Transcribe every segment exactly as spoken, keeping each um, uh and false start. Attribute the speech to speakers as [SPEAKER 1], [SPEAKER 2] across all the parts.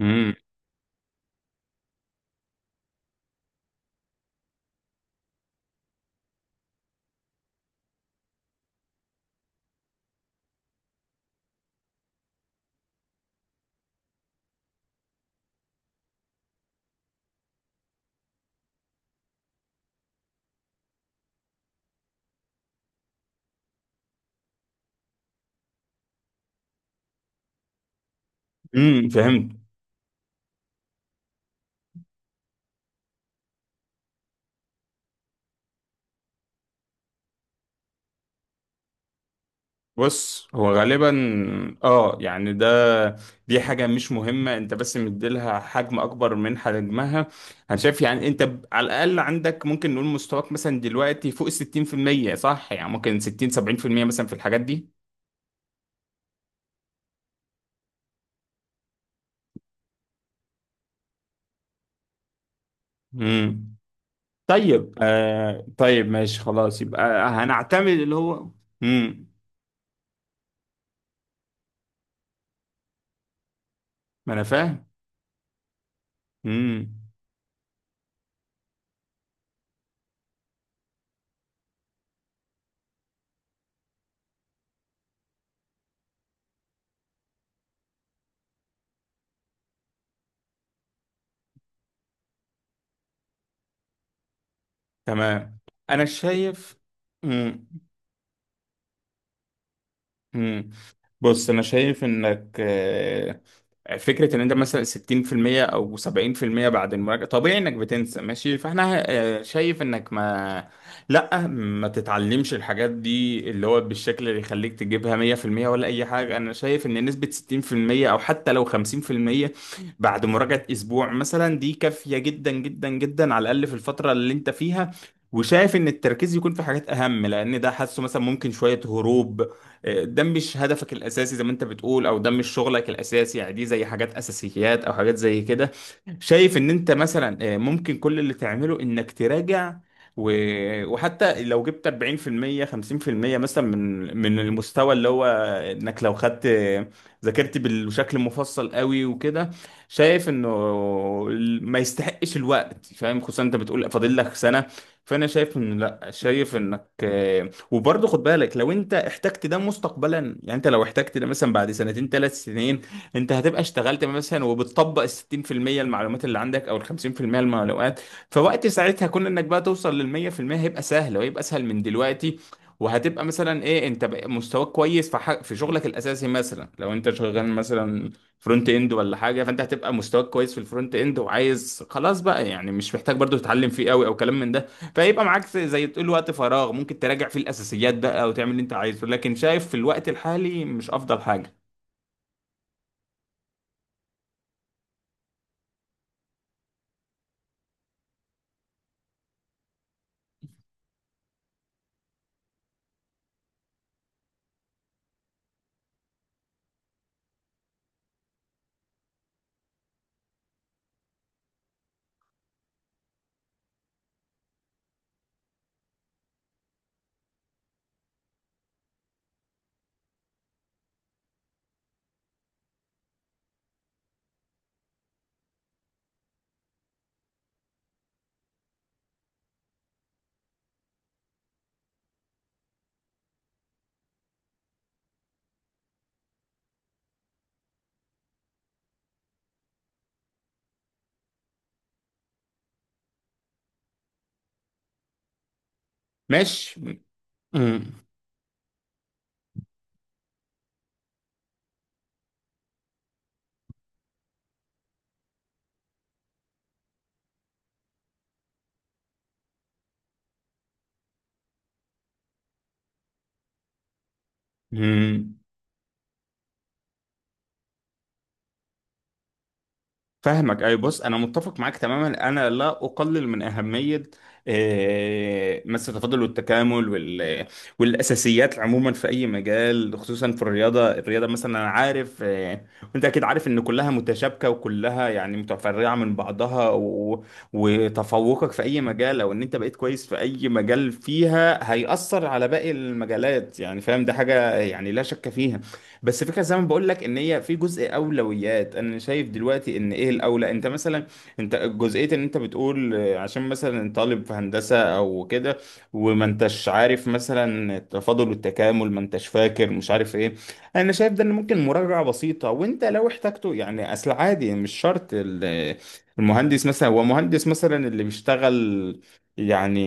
[SPEAKER 1] امم امم فهمت. بص، هو غالبا اه يعني ده دي حاجه مش مهمه، انت بس مديلها حجم اكبر من حجمها. انا شايف يعني انت ب- على الاقل عندك، ممكن نقول مستواك مثلا دلوقتي فوق ال ستين في المية، صح؟ يعني ممكن ستين سبعين في المية مثلا في الحاجات دي. امم طيب، آه طيب، ماشي خلاص، يبقى هنعتمد اللي هو امم ما انا فاهم. امم تمام، انا شايف. امم بص، انا شايف انك آه، فكره ان انت مثلا ستين في المية او سبعين في المية بعد المراجعه طبيعي انك بتنسى، ماشي. فاحنا آه، شايف انك ما لا ما تتعلمش الحاجات دي اللي هو بالشكل اللي يخليك تجيبها مية في المية ولا اي حاجه. انا شايف ان نسبه ستين في المية او حتى لو خمسين في المية بعد مراجعه اسبوع مثلا دي كافيه جدا جدا جدا، على الاقل في الفتره اللي انت فيها. وشايف ان التركيز يكون في حاجات اهم، لان ده حاسه مثلا ممكن شويه هروب، ده مش هدفك الاساسي زي ما انت بتقول، او ده مش شغلك الاساسي، يعني دي زي حاجات اساسيات او حاجات زي كده. شايف ان انت مثلا آه، ممكن كل اللي تعمله انك تراجع و... وحتى لو جبت اربعين في المية خمسين في المية مثلا من من المستوى اللي هو انك لو خدت ذاكرت بشكل مفصل قوي وكده، شايف انه ما يستحقش الوقت، فاهم؟ خصوصا انت بتقول فاضل لك سنة. فانا شايف ان، لا، شايف انك. وبرضه خد بالك لو انت احتجت ده مستقبلا، يعني انت لو احتجت ده مثلا بعد سنتين ثلاث سنين، انت هتبقى اشتغلت مثلا وبتطبق ال ستين في المية المعلومات اللي عندك او ال خمسين في المية المعلومات. فوقت ساعتها، كون انك بقى توصل لل مية في المية، هيبقى سهل وهيبقى اسهل من دلوقتي. وهتبقى مثلا ايه، انت بقى مستواك كويس في حق في شغلك الاساسي، مثلا لو انت شغال مثلا فرونت اند ولا حاجه، فانت هتبقى مستواك كويس في الفرونت اند وعايز خلاص بقى، يعني مش محتاج برضو تتعلم فيه قوي او كلام من ده. فيبقى معاك زي زي تقول وقت فراغ، ممكن تراجع فيه الاساسيات بقى وتعمل اللي انت عايزه، لكن شايف في الوقت الحالي مش افضل حاجه. ماشي. مم. مم. فاهمك. اي، بص، انا متفق معاك تماما، انا لا اقلل من اهميه آه، مس التفاضل والتكامل وال والاساسيات عموما في اي مجال، خصوصا في الرياضه الرياضه مثلا، انا عارف. آه، وانت اكيد عارف ان كلها متشابكه وكلها يعني متفرعه من بعضها و... وتفوقك في اي مجال او ان انت بقيت كويس في اي مجال فيها هيأثر على باقي المجالات، يعني فاهم، ده حاجه يعني لا شك فيها. بس فكرة زي ما بقول لك ان هي في جزء اولويات، انا شايف دلوقتي ان ايه الاولى. انت مثلا، انت جزئية ان انت بتقول آه، عشان مثلا طالب في هندسة او كده، وما انتش عارف مثلا التفاضل والتكامل، ما انتش فاكر، مش عارف ايه. انا شايف ده ان ممكن مراجعة بسيطة وانت لو احتاجته، يعني اصل عادي مش شرط ال- المهندس، مثلا هو مهندس مثلا اللي بيشتغل يعني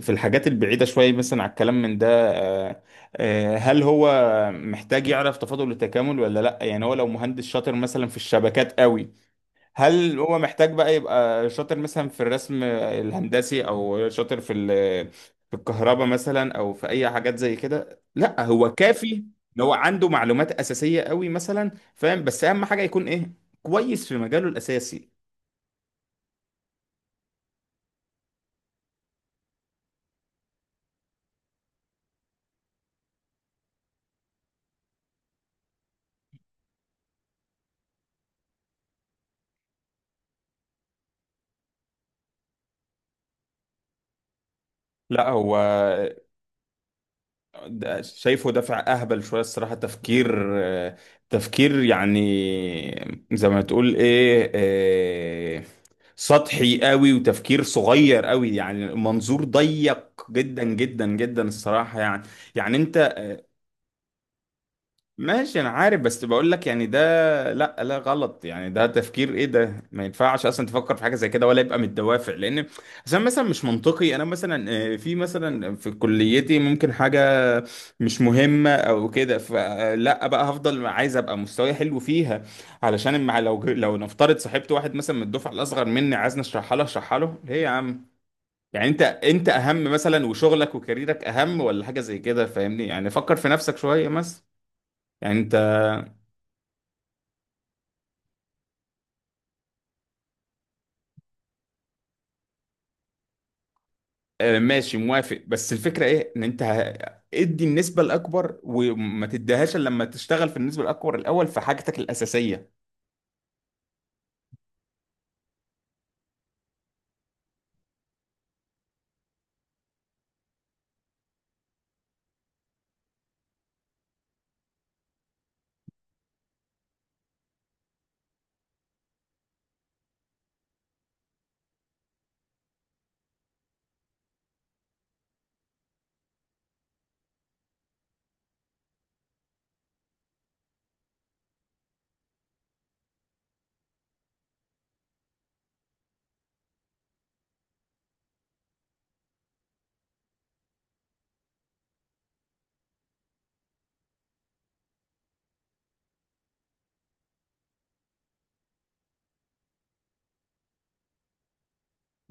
[SPEAKER 1] في الحاجات البعيدة شوية مثلا على الكلام من ده، آه، آه، هل هو محتاج يعرف تفاضل التكامل ولا لا؟ يعني هو لو مهندس شاطر مثلا في الشبكات قوي، هل هو محتاج بقى يبقى شاطر مثلا في الرسم الهندسي او شاطر في ال- في الكهرباء مثلا او في اي حاجات زي كده؟ لا، هو كافي ان هو عنده معلومات اساسية قوي مثلا، فاهم، بس اهم حاجة يكون ايه كويس في مجاله الاساسي. لا، هو ده شايفه دافع اهبل شويه الصراحه، تفكير آه، تفكير يعني زي ما تقول ايه، آه، سطحي قوي، وتفكير صغير قوي، يعني منظور ضيق جدا جدا جدا الصراحه يعني. يعني انت، ماشي انا عارف، بس بقول لك يعني ده، لا، لا، غلط، يعني ده تفكير ايه، ده ما ينفعش اصلا تفكر في حاجه زي كده ولا يبقى من الدوافع. لان عشان مثلا مش منطقي، انا مثلا آه، في مثلا في كليتي ممكن حاجه مش مهمه او كده، فلا بقى هفضل عايز ابقى مستواي حلو فيها. علشان مع لو ج- لو نفترض صاحبت واحد مثلا من الدفعه الاصغر مني عايزني اشرحها له، اشرحها له ليه يا عم؟ يعني انت انت اهم مثلا، وشغلك وكاريرك اهم ولا حاجه زي كده، فاهمني، يعني فكر في نفسك شويه مثلا. يعني انت آه، ماشي، موافق، بس الفكرة ايه ان انت ه- ادي النسبة الاكبر وما تديهاش إلا لما تشتغل في النسبة الاكبر الاول في حاجتك الاساسية.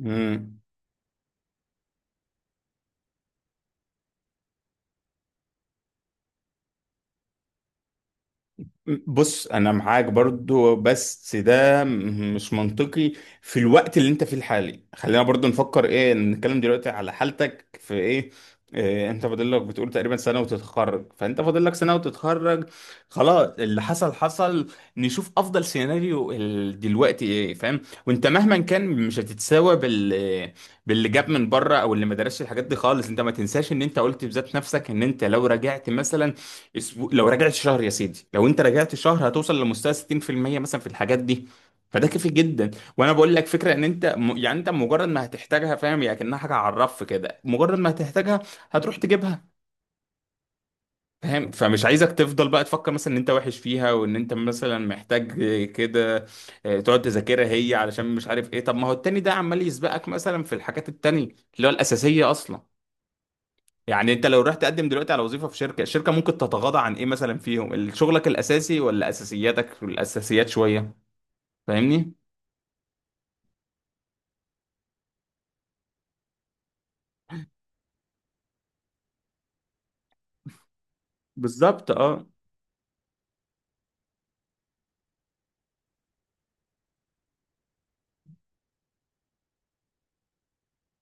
[SPEAKER 1] امم بص، انا معاك برضو، بس ده م- مش منطقي. في الوقت اللي انت فيه الحالي، خلينا برضو نفكر ايه، نتكلم دلوقتي على حالتك في ايه. إيه، انت فاضل لك بتقول تقريبا سنة وتتخرج، فانت فاضل لك سنة وتتخرج، خلاص اللي حصل حصل. نشوف افضل سيناريو ال- دلوقتي ايه، فاهم؟ وانت مهما كان مش هتتساوى بال باللي جاب من بره او اللي ما درسش الحاجات دي خالص. انت ما تنساش ان انت قلت بذات نفسك ان انت لو رجعت مثلا اسبوع، لو رجعت شهر، يا سيدي لو انت رجعت شهر هتوصل لمستوى ستين في المية مثلا في الحاجات دي، فده كافي جدا. وانا بقول لك فكره ان انت م... يعني انت مجرد ما هتحتاجها، فاهم، يعني كانها حاجه على الرف كده، مجرد ما هتحتاجها هتروح تجيبها، فاهم؟ فمش عايزك تفضل بقى تفكر مثلا ان انت وحش فيها وان انت مثلا محتاج كده، اه، تقعد تذاكرها هي علشان مش عارف ايه، طب ما هو التاني ده عمال يسبقك مثلا في الحاجات التانية اللي هو الاساسيه اصلا. يعني انت لو رحت تقدم دلوقتي على وظيفة في شركة، الشركة ممكن تتغاضى عن ايه مثلا فيهم، ال- شغلك الاساسي ولا اساسياتك الاساسيات شوية؟ فاهمني. بالظبط، اه.